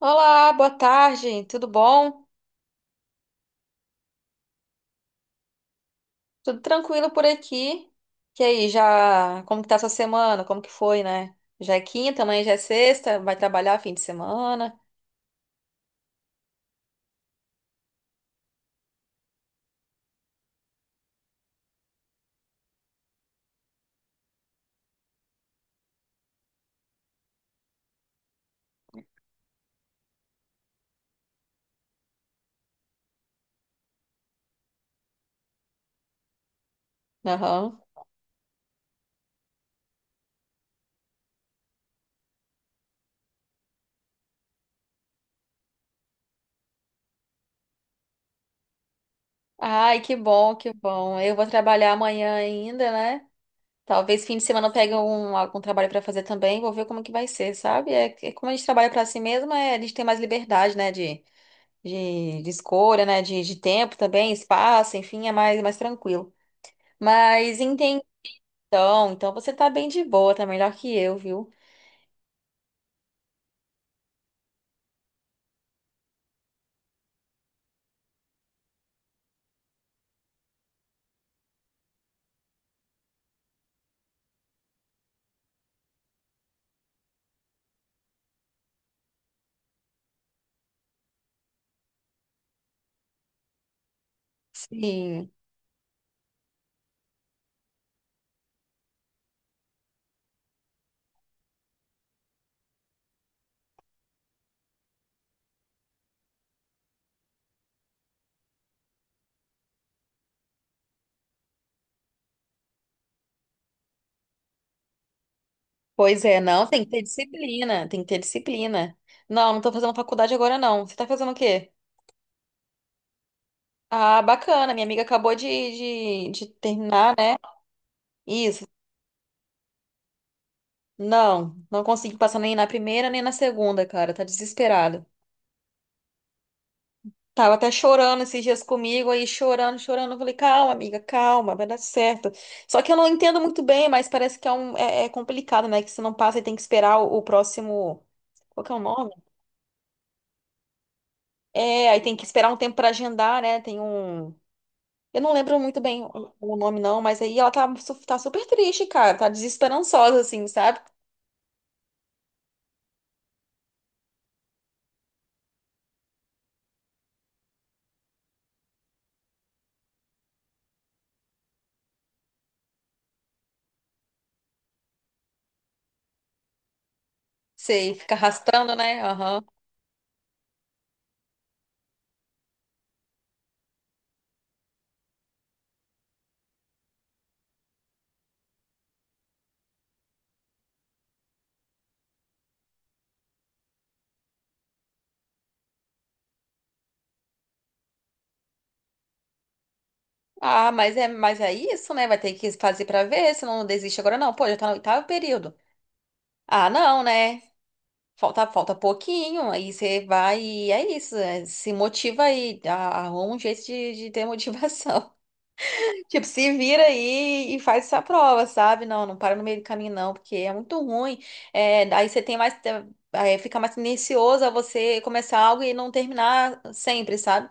Olá, boa tarde, tudo bom? Tudo tranquilo por aqui? E aí, já, como que tá sua semana? Como que foi, né? Já é quinta, amanhã já é sexta, vai trabalhar fim de semana? Aham. Ai, que bom, que bom. Eu vou trabalhar amanhã ainda, né? Talvez fim de semana eu pegue algum trabalho pra fazer também, vou ver como que vai ser, sabe? É, como a gente trabalha pra si mesmo, é, a gente tem mais liberdade, né, de escolha, né, de tempo também, espaço, enfim, é mais tranquilo. Mas entendi. Então você tá bem de boa, tá melhor que eu, viu? Sim. Pois é, não, tem que ter disciplina, tem que ter disciplina. Não, não tô fazendo faculdade agora, não. Você tá fazendo o quê? Ah, bacana, minha amiga acabou de terminar, né? Isso. Não, não consegui passar nem na primeira nem na segunda, cara, tá desesperada. Tava até chorando esses dias comigo, aí chorando, chorando. Eu falei, calma, amiga, calma, vai dar certo. Só que eu não entendo muito bem, mas parece que é complicado, né? Que se não passa, aí tem que esperar o próximo. Qual que é o nome? É, aí tem que esperar um tempo pra agendar, né? Tem um. Eu não lembro muito bem o nome, não, mas aí ela tá super triste, cara. Tá desesperançosa, assim, sabe? Sei, fica arrastando, né? Aham. Ah, mas é isso, né? Vai ter que fazer pra ver, se não desiste agora, não. Pô, já tá no oitavo período. Ah, não, né? Falta pouquinho, aí você vai e é isso, é, se motiva aí, arruma um jeito de ter motivação. Tipo, se vira aí e faz essa prova, sabe? Não, não para no meio do caminho não, porque é muito ruim. É, aí você tem mais, aí fica mais tendencioso a você começar algo e não terminar sempre, sabe?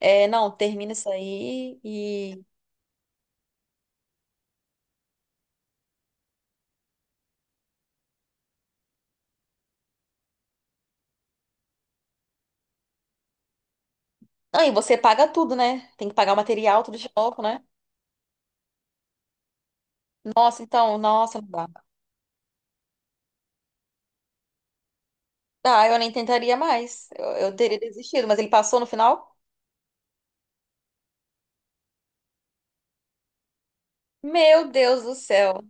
É, não, termina isso aí e... Não, e você paga tudo, né? Tem que pagar o material tudo de novo, né? Nossa, então, nossa, não dá. Ah, eu nem tentaria mais. Eu teria desistido, mas ele passou no final? Meu Deus do céu.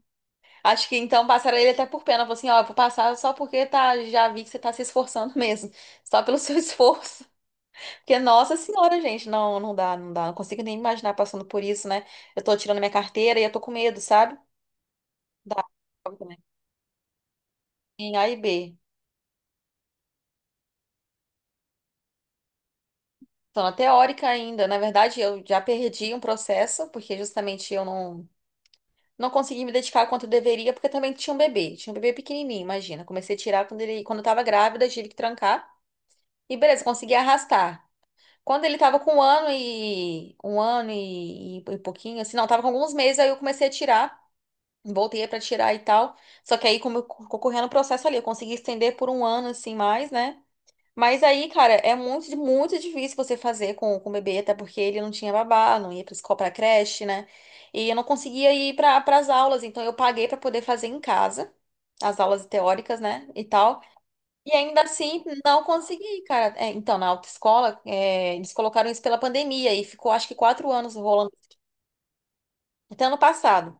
Acho que então passaram ele até por pena. Falou assim, ó, eu vou passar só porque tá, já vi que você tá se esforçando mesmo. Só pelo seu esforço. Porque, nossa senhora, gente, não, não dá, não dá. Não consigo nem imaginar passando por isso, né? Eu tô tirando minha carteira e eu tô com medo, sabe? Dá. Também. Em A e B. Então, na teórica ainda, na verdade, eu já perdi um processo, porque justamente eu não. Não consegui me dedicar quanto eu deveria, porque também tinha um bebê. Tinha um bebê pequenininho, imagina. Comecei a tirar quando eu tava grávida, tive que trancar. E beleza, consegui arrastar. Quando ele tava com um ano e um ano e pouquinho, assim, não, tava com alguns meses, aí eu comecei a tirar. Voltei pra tirar e tal. Só que aí, como eu correndo o processo ali, eu consegui estender por um ano, assim, mais, né? Mas aí, cara, é muito, muito difícil você fazer com o bebê, até porque ele não tinha babá, não ia pra escola, pra creche, né? E eu não conseguia ir para as aulas, então eu paguei para poder fazer em casa, as aulas teóricas, né, e tal. E ainda assim, não consegui, cara. É, então, na autoescola, é, eles colocaram isso pela pandemia e ficou acho que 4 anos rolando, até ano passado.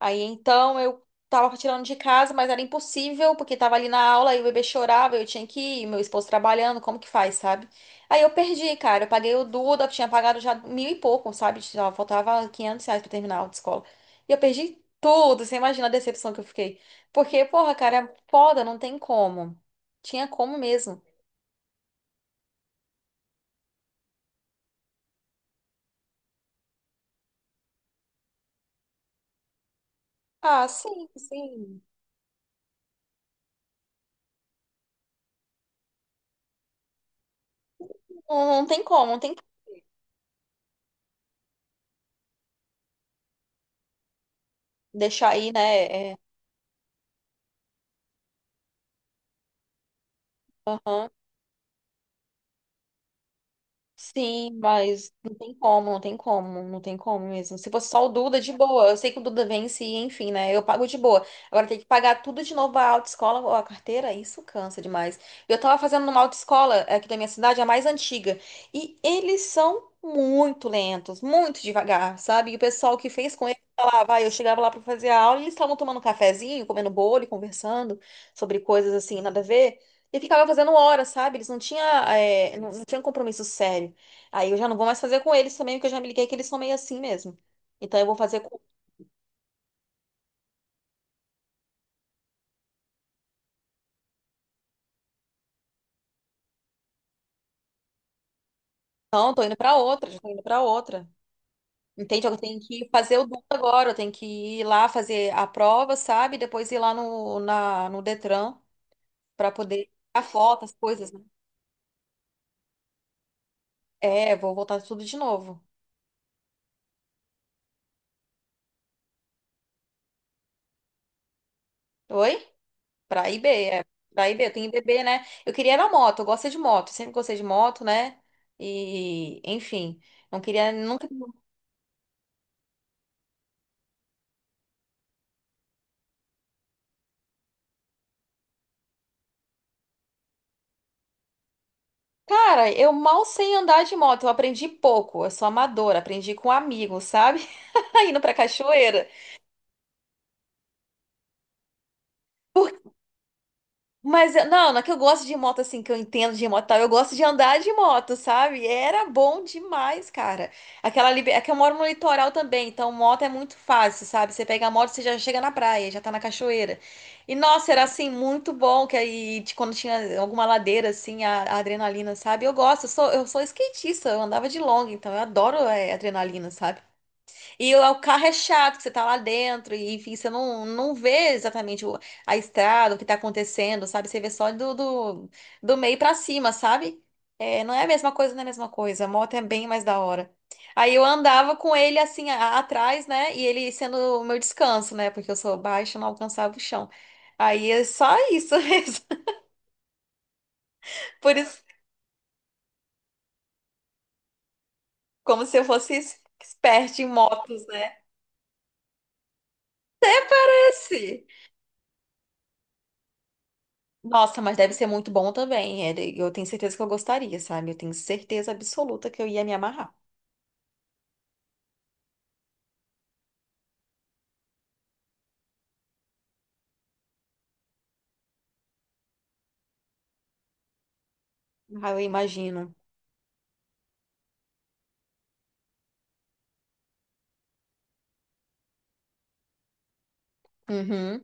Aí então eu tava tirando de casa, mas era impossível, porque tava ali na aula e o bebê chorava, eu tinha que ir, meu esposo trabalhando, como que faz, sabe? Aí eu perdi, cara. Eu paguei o Duda, eu tinha pagado já mil e pouco, sabe? Só faltava R$ 500 pra terminar a aula de escola. E eu perdi tudo, você imagina a decepção que eu fiquei. Porque, porra, cara, é foda, não tem como. Tinha como mesmo. Ah, sim, sim. Não, não tem como, não tem como deixar aí, né? É, aham. Sim, mas não tem como, não tem como, não tem como mesmo. Se fosse só o Duda, de boa. Eu sei que o Duda vence, enfim, né? Eu pago de boa. Agora tem que pagar tudo de novo a autoescola ou a carteira, isso cansa demais. Eu tava fazendo numa autoescola aqui da minha cidade, a mais antiga, e eles são muito lentos, muito devagar, sabe? E o pessoal que fez com eles, tá lá, vai, eu chegava lá pra fazer a aula e eles estavam tomando um cafezinho, comendo bolo e conversando sobre coisas assim, nada a ver. E ficava fazendo hora, sabe? Eles não tinham, é, não tinham compromisso sério. Aí eu já não vou mais fazer com eles também, porque eu já me liguei que eles são meio assim mesmo. Então eu vou fazer com. Não, tô indo pra outra, já tô indo pra outra. Entende? Eu tenho que fazer o duplo agora, eu tenho que ir lá fazer a prova, sabe? Depois ir lá no, no Detran pra poder tirar foto, as coisas, né? É, vou voltar tudo de novo. Oi? Pra IB, é. Pra IB, eu tenho IBB, né? Eu queria era moto, eu gosto de moto, sempre gostei de moto, né? E, enfim, não queria nunca. Cara, eu mal sei andar de moto, eu aprendi pouco, eu sou amadora, aprendi com amigos, sabe? Indo pra cachoeira. Não, não é que eu gosto de moto assim, que eu entendo de moto e tal. Eu gosto de andar de moto, sabe? Era bom demais, cara. É que eu moro no litoral também, então moto é muito fácil, sabe? Você pega a moto, você já chega na praia, já tá na cachoeira. E nossa, era assim muito bom que aí de quando tinha alguma ladeira assim, a adrenalina, sabe? Eu gosto, eu sou skatista, eu andava de longa, então eu adoro adrenalina, sabe? E o carro é chato, que você tá lá dentro, e enfim, você não vê exatamente a estrada, o que tá acontecendo, sabe? Você vê só do, do meio pra cima, sabe? É, não é a mesma coisa, não é a mesma coisa. A moto é bem mais da hora. Aí eu andava com ele assim atrás, né? E ele sendo o meu descanso, né? Porque eu sou baixa, não alcançava o chão. Aí é só isso mesmo. Por isso, como se eu fosse expert em motos, né? Esse. Nossa, mas deve ser muito bom também. Eu tenho certeza que eu gostaria, sabe? Eu tenho certeza absoluta que eu ia me amarrar. Ah, eu imagino. Uhum.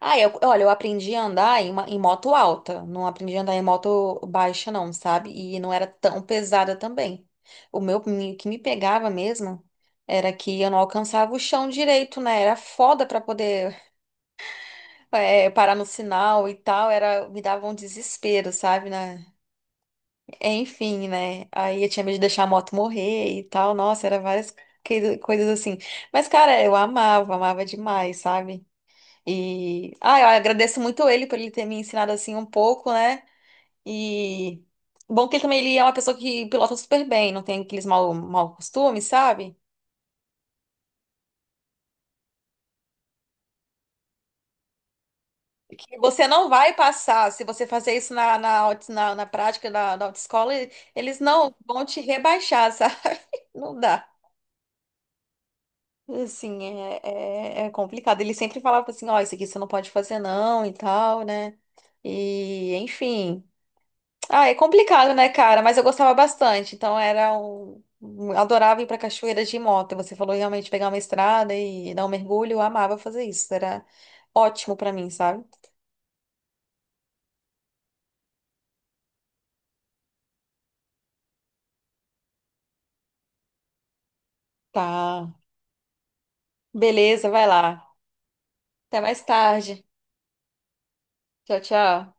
Ah, eu, olha, eu aprendi a andar em moto alta. Não aprendi a andar em moto baixa, não, sabe? E não era tão pesada também. O que me pegava mesmo era que eu não alcançava o chão direito, né? Era foda pra poder, parar no sinal e tal. Era, me dava um desespero, sabe? Enfim, né? Aí eu tinha medo de deixar a moto morrer e tal. Nossa, era várias coisas assim. Mas, cara, eu amava, amava demais, sabe? E. Ah, eu agradeço muito ele por ele ter me ensinado assim um pouco, né? E. Bom que ele também ele é uma pessoa que pilota super bem, não tem aqueles mau, mau costumes, sabe? Que você não vai passar. Se você fazer isso na, na prática da autoescola, eles não vão te rebaixar, sabe? Não dá. Assim, é complicado. Ele sempre falava assim, ó, isso aqui você não pode fazer não e tal, né? E, enfim. Ah, é complicado, né, cara? Mas eu gostava bastante. Então era Adorava ir pra cachoeira de moto. E você falou realmente pegar uma estrada e dar um mergulho. Eu amava fazer isso. Era ótimo pra mim, sabe? Tá. Beleza, vai lá. Até mais tarde. Tchau, tchau.